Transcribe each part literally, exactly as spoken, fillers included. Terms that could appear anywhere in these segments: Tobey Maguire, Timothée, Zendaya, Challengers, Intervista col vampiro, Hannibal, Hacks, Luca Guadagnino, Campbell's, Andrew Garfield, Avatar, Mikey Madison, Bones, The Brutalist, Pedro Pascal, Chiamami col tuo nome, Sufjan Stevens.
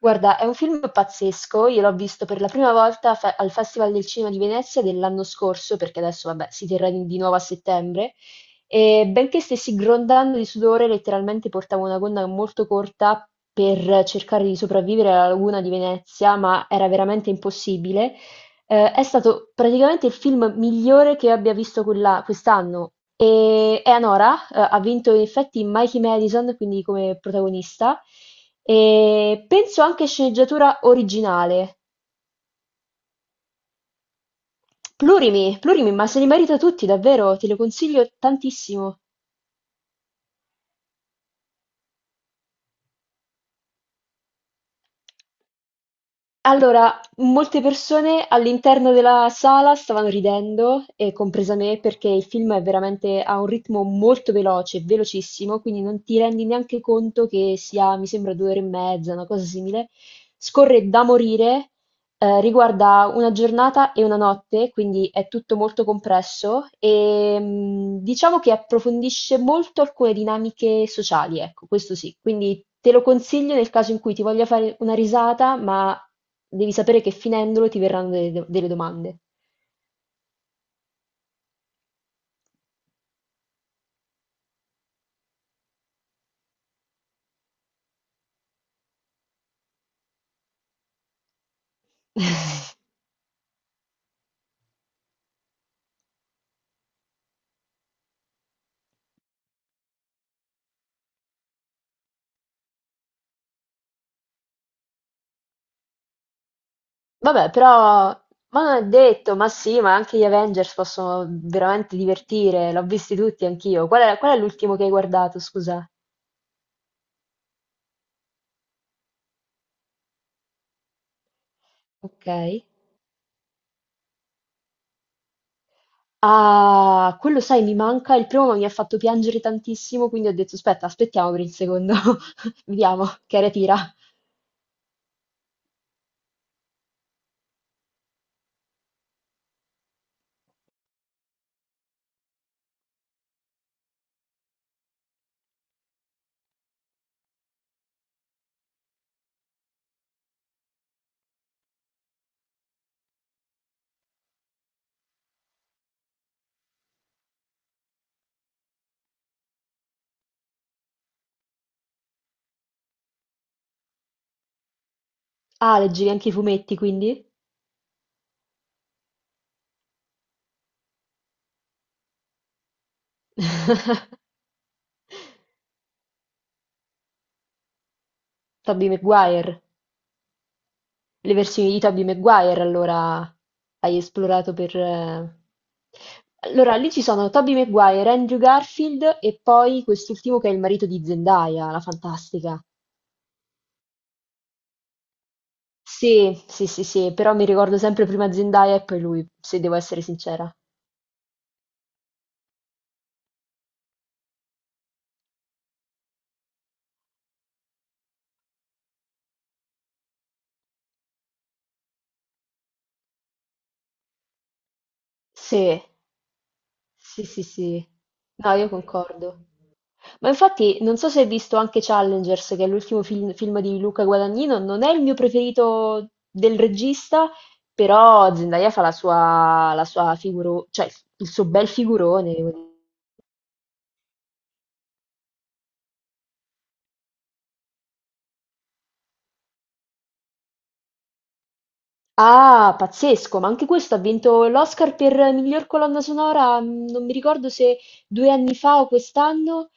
Guarda, è un film pazzesco, io l'ho visto per la prima volta fe- al Festival del Cinema di Venezia dell'anno scorso, perché adesso, vabbè, si terrà di, di nuovo a settembre, e benché stessi grondando di sudore, letteralmente portavo una gonna molto corta per cercare di sopravvivere alla laguna di Venezia, ma era veramente impossibile. Ehm, è stato praticamente il film migliore che io abbia visto quella quest'anno e Eleanora, eh, ha vinto in effetti Mikey Madison, quindi come protagonista, e penso anche sceneggiatura originale. Plurimi, plurimi, ma se li merita tutti, davvero, te lo consiglio tantissimo. Allora, molte persone all'interno della sala stavano ridendo, e compresa me, perché il film è veramente a un ritmo molto veloce, velocissimo, quindi non ti rendi neanche conto che sia, mi sembra, due ore e mezza, una cosa simile. Scorre da morire, eh, riguarda una giornata e una notte, quindi è tutto molto compresso e mh, diciamo che approfondisce molto alcune dinamiche sociali, ecco, questo sì. Quindi te lo consiglio nel caso in cui ti voglia fare una risata, ma devi sapere che finendolo ti verranno delle, delle domande. Vabbè, però, ma non è detto, ma sì, ma anche gli Avengers possono veramente divertire, l'ho visti tutti anch'io. Qual è, qual è l'ultimo che hai guardato, scusa? Ok. Ah, quello sai, mi manca. Il primo mi ha fatto piangere tantissimo, quindi ho detto, aspetta, aspettiamo per il secondo. Vediamo, che era tira. Ah, leggevi anche i fumetti, quindi? Tobey Maguire. Le versioni di Tobey Maguire, allora, hai esplorato per... eh. Allora, lì ci sono Tobey Maguire, Andrew Garfield e poi quest'ultimo che è il marito di Zendaya, la fantastica. Sì, sì, sì, sì, però mi ricordo sempre prima Zendaya e poi lui, se devo essere sincera. Sì. Sì, sì, sì. No, io concordo. Ma infatti, non so se hai visto anche Challengers, che è l'ultimo film, film di Luca Guadagnino, non è il mio preferito del regista, però Zendaya fa la sua, la sua figuro, cioè il suo bel figurone, devo dire. Ah, pazzesco, ma anche questo ha vinto l'Oscar per miglior colonna sonora, mh, non mi ricordo se due anni fa o quest'anno,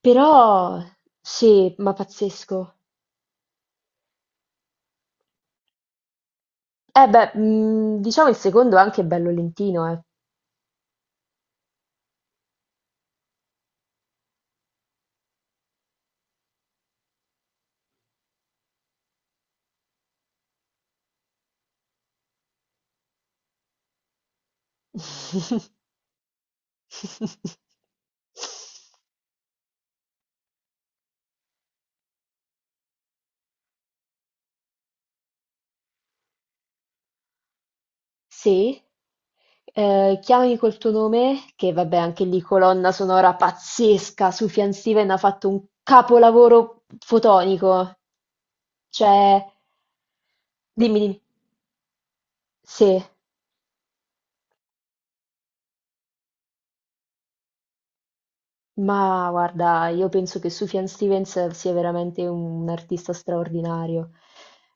però sì, ma pazzesco. Eh beh, mhmm, diciamo il secondo è anche bello lentino, eh. Sì. Ehm, Chiamami col tuo nome, che vabbè anche lì colonna sonora pazzesca, Sufjan Stevens ha fatto un capolavoro fotonico. Cioè Dimmi, dimmi. Sì, ma guarda, io penso che Sufjan Stevens sia veramente un artista straordinario.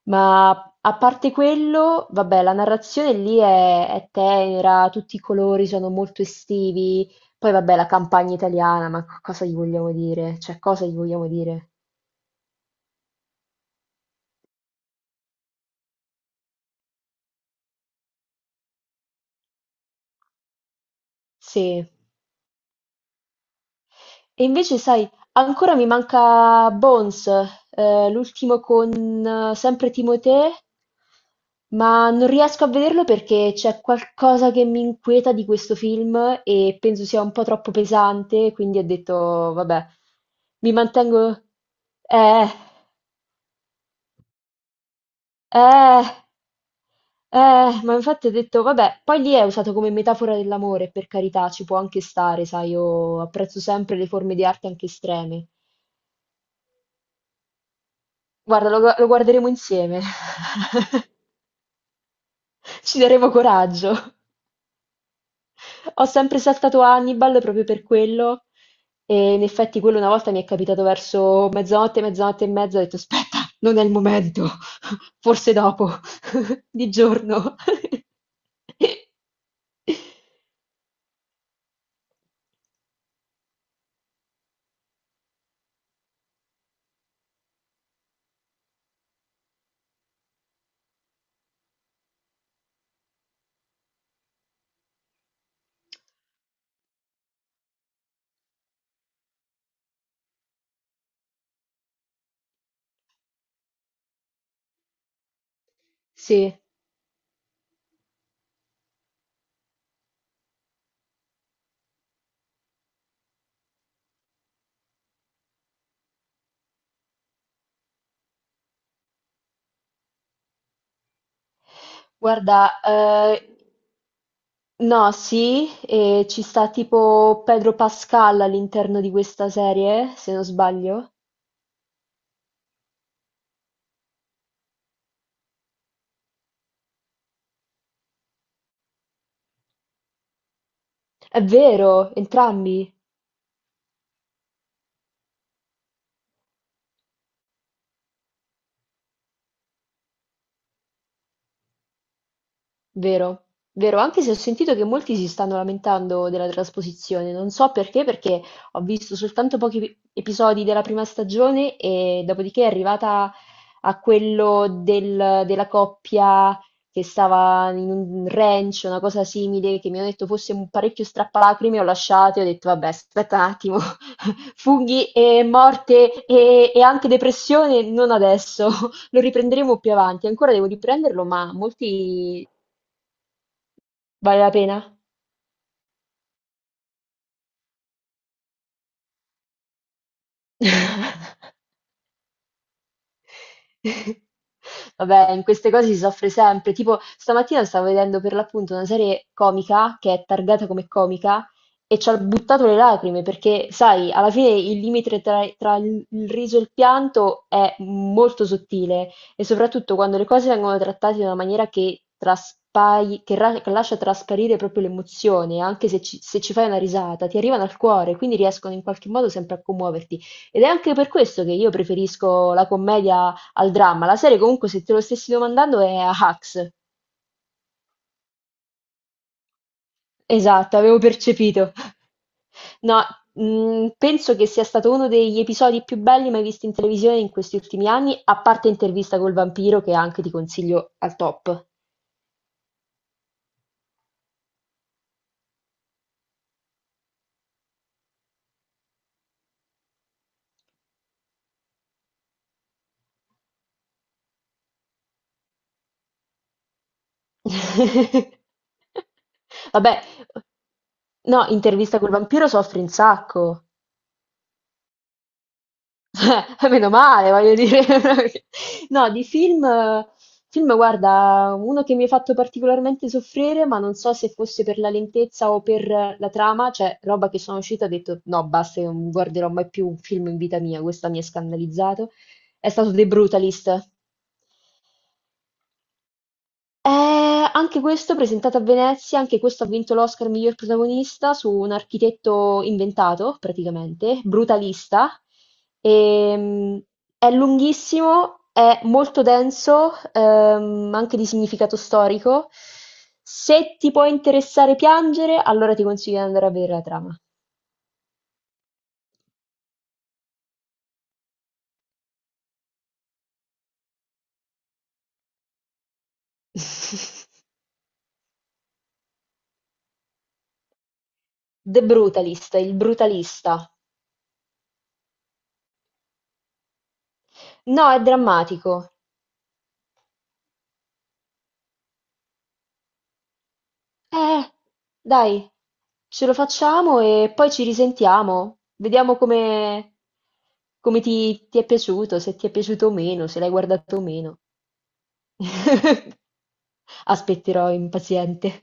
Ma a parte quello, vabbè, la narrazione lì è, è tenera, tutti i colori sono molto estivi. Poi vabbè, la campagna italiana, ma co- cosa gli vogliamo dire? Cioè, cosa gli vogliamo dire? Sì. E invece, sai, ancora mi manca Bones, eh, l'ultimo con eh, sempre Timothée, ma non riesco a vederlo perché c'è qualcosa che mi inquieta di questo film e penso sia un po' troppo pesante, quindi ho detto, vabbè, mi mantengo... Eh, eh, eh, ma infatti ho detto, vabbè, poi lì è usato come metafora dell'amore, per carità, ci può anche stare, sai, io apprezzo sempre le forme di arte anche estreme. Guarda, lo, gu- lo guarderemo insieme. Ci daremo coraggio. Ho sempre saltato Hannibal proprio per quello. E in effetti quello una volta mi è capitato verso mezzanotte, mezzanotte e mezza, ho detto aspetta, non è il momento, forse dopo, di giorno. Sì, guarda, eh, no, sì, e ci sta tipo Pedro Pascal all'interno di questa serie, se non sbaglio. È vero, entrambi. Vero, vero, anche se ho sentito che molti si stanno lamentando della trasposizione, non so perché, perché ho visto soltanto pochi pi- episodi della prima stagione e dopodiché è arrivata a quello del- della coppia che stava in un ranch, una cosa simile, che mi hanno detto fosse un parecchio strappalacrime, ho lasciato e ho detto vabbè, aspetta un attimo, funghi e morte e, e anche depressione, non adesso, lo riprenderemo più avanti, ancora devo riprenderlo, ma molti. Vale la pena? Vabbè, in queste cose si soffre sempre. Tipo, stamattina stavo vedendo per l'appunto una serie comica che è targata come comica e ci ho buttato le lacrime perché, sai, alla fine il limite tra, tra il il riso e il pianto è molto sottile e soprattutto quando le cose vengono trattate in una maniera che, traspai- che ra- che lascia trasparire proprio l'emozione, anche se ci, se ci fai una risata, ti arrivano al cuore, quindi riescono in qualche modo sempre a commuoverti. Ed è anche per questo che io preferisco la commedia al dramma. La serie, comunque, se te lo stessi domandando, è a Hacks. Esatto, avevo percepito. No, mh, penso che sia stato uno degli episodi più belli mai visti in televisione in questi ultimi anni, a parte Intervista col vampiro, che anche ti consiglio al top. Vabbè, no, Intervista col vampiro soffre un sacco. Eh, meno male, voglio dire. No, di film, eh, film, guarda, uno che mi ha fatto particolarmente soffrire, ma non so se fosse per la lentezza o per eh, la trama, cioè roba che sono uscita e ho detto no, basta, io non guarderò mai più un film in vita mia, questa mi ha scandalizzato, è stato The Brutalist. Eh, anche questo presentato a Venezia, anche questo ha vinto l'Oscar miglior protagonista su un architetto inventato, praticamente, brutalista. Ehm, è lunghissimo, è molto denso, ehm, anche di significato storico. Se ti può interessare piangere, allora ti consiglio di andare a vedere la trama. The Brutalist, il brutalista. No, è drammatico. Eh, dai, ce lo facciamo e poi ci risentiamo. Vediamo come, come ti, ti è piaciuto, se ti è piaciuto o meno, se l'hai guardato o meno. Aspetterò impaziente.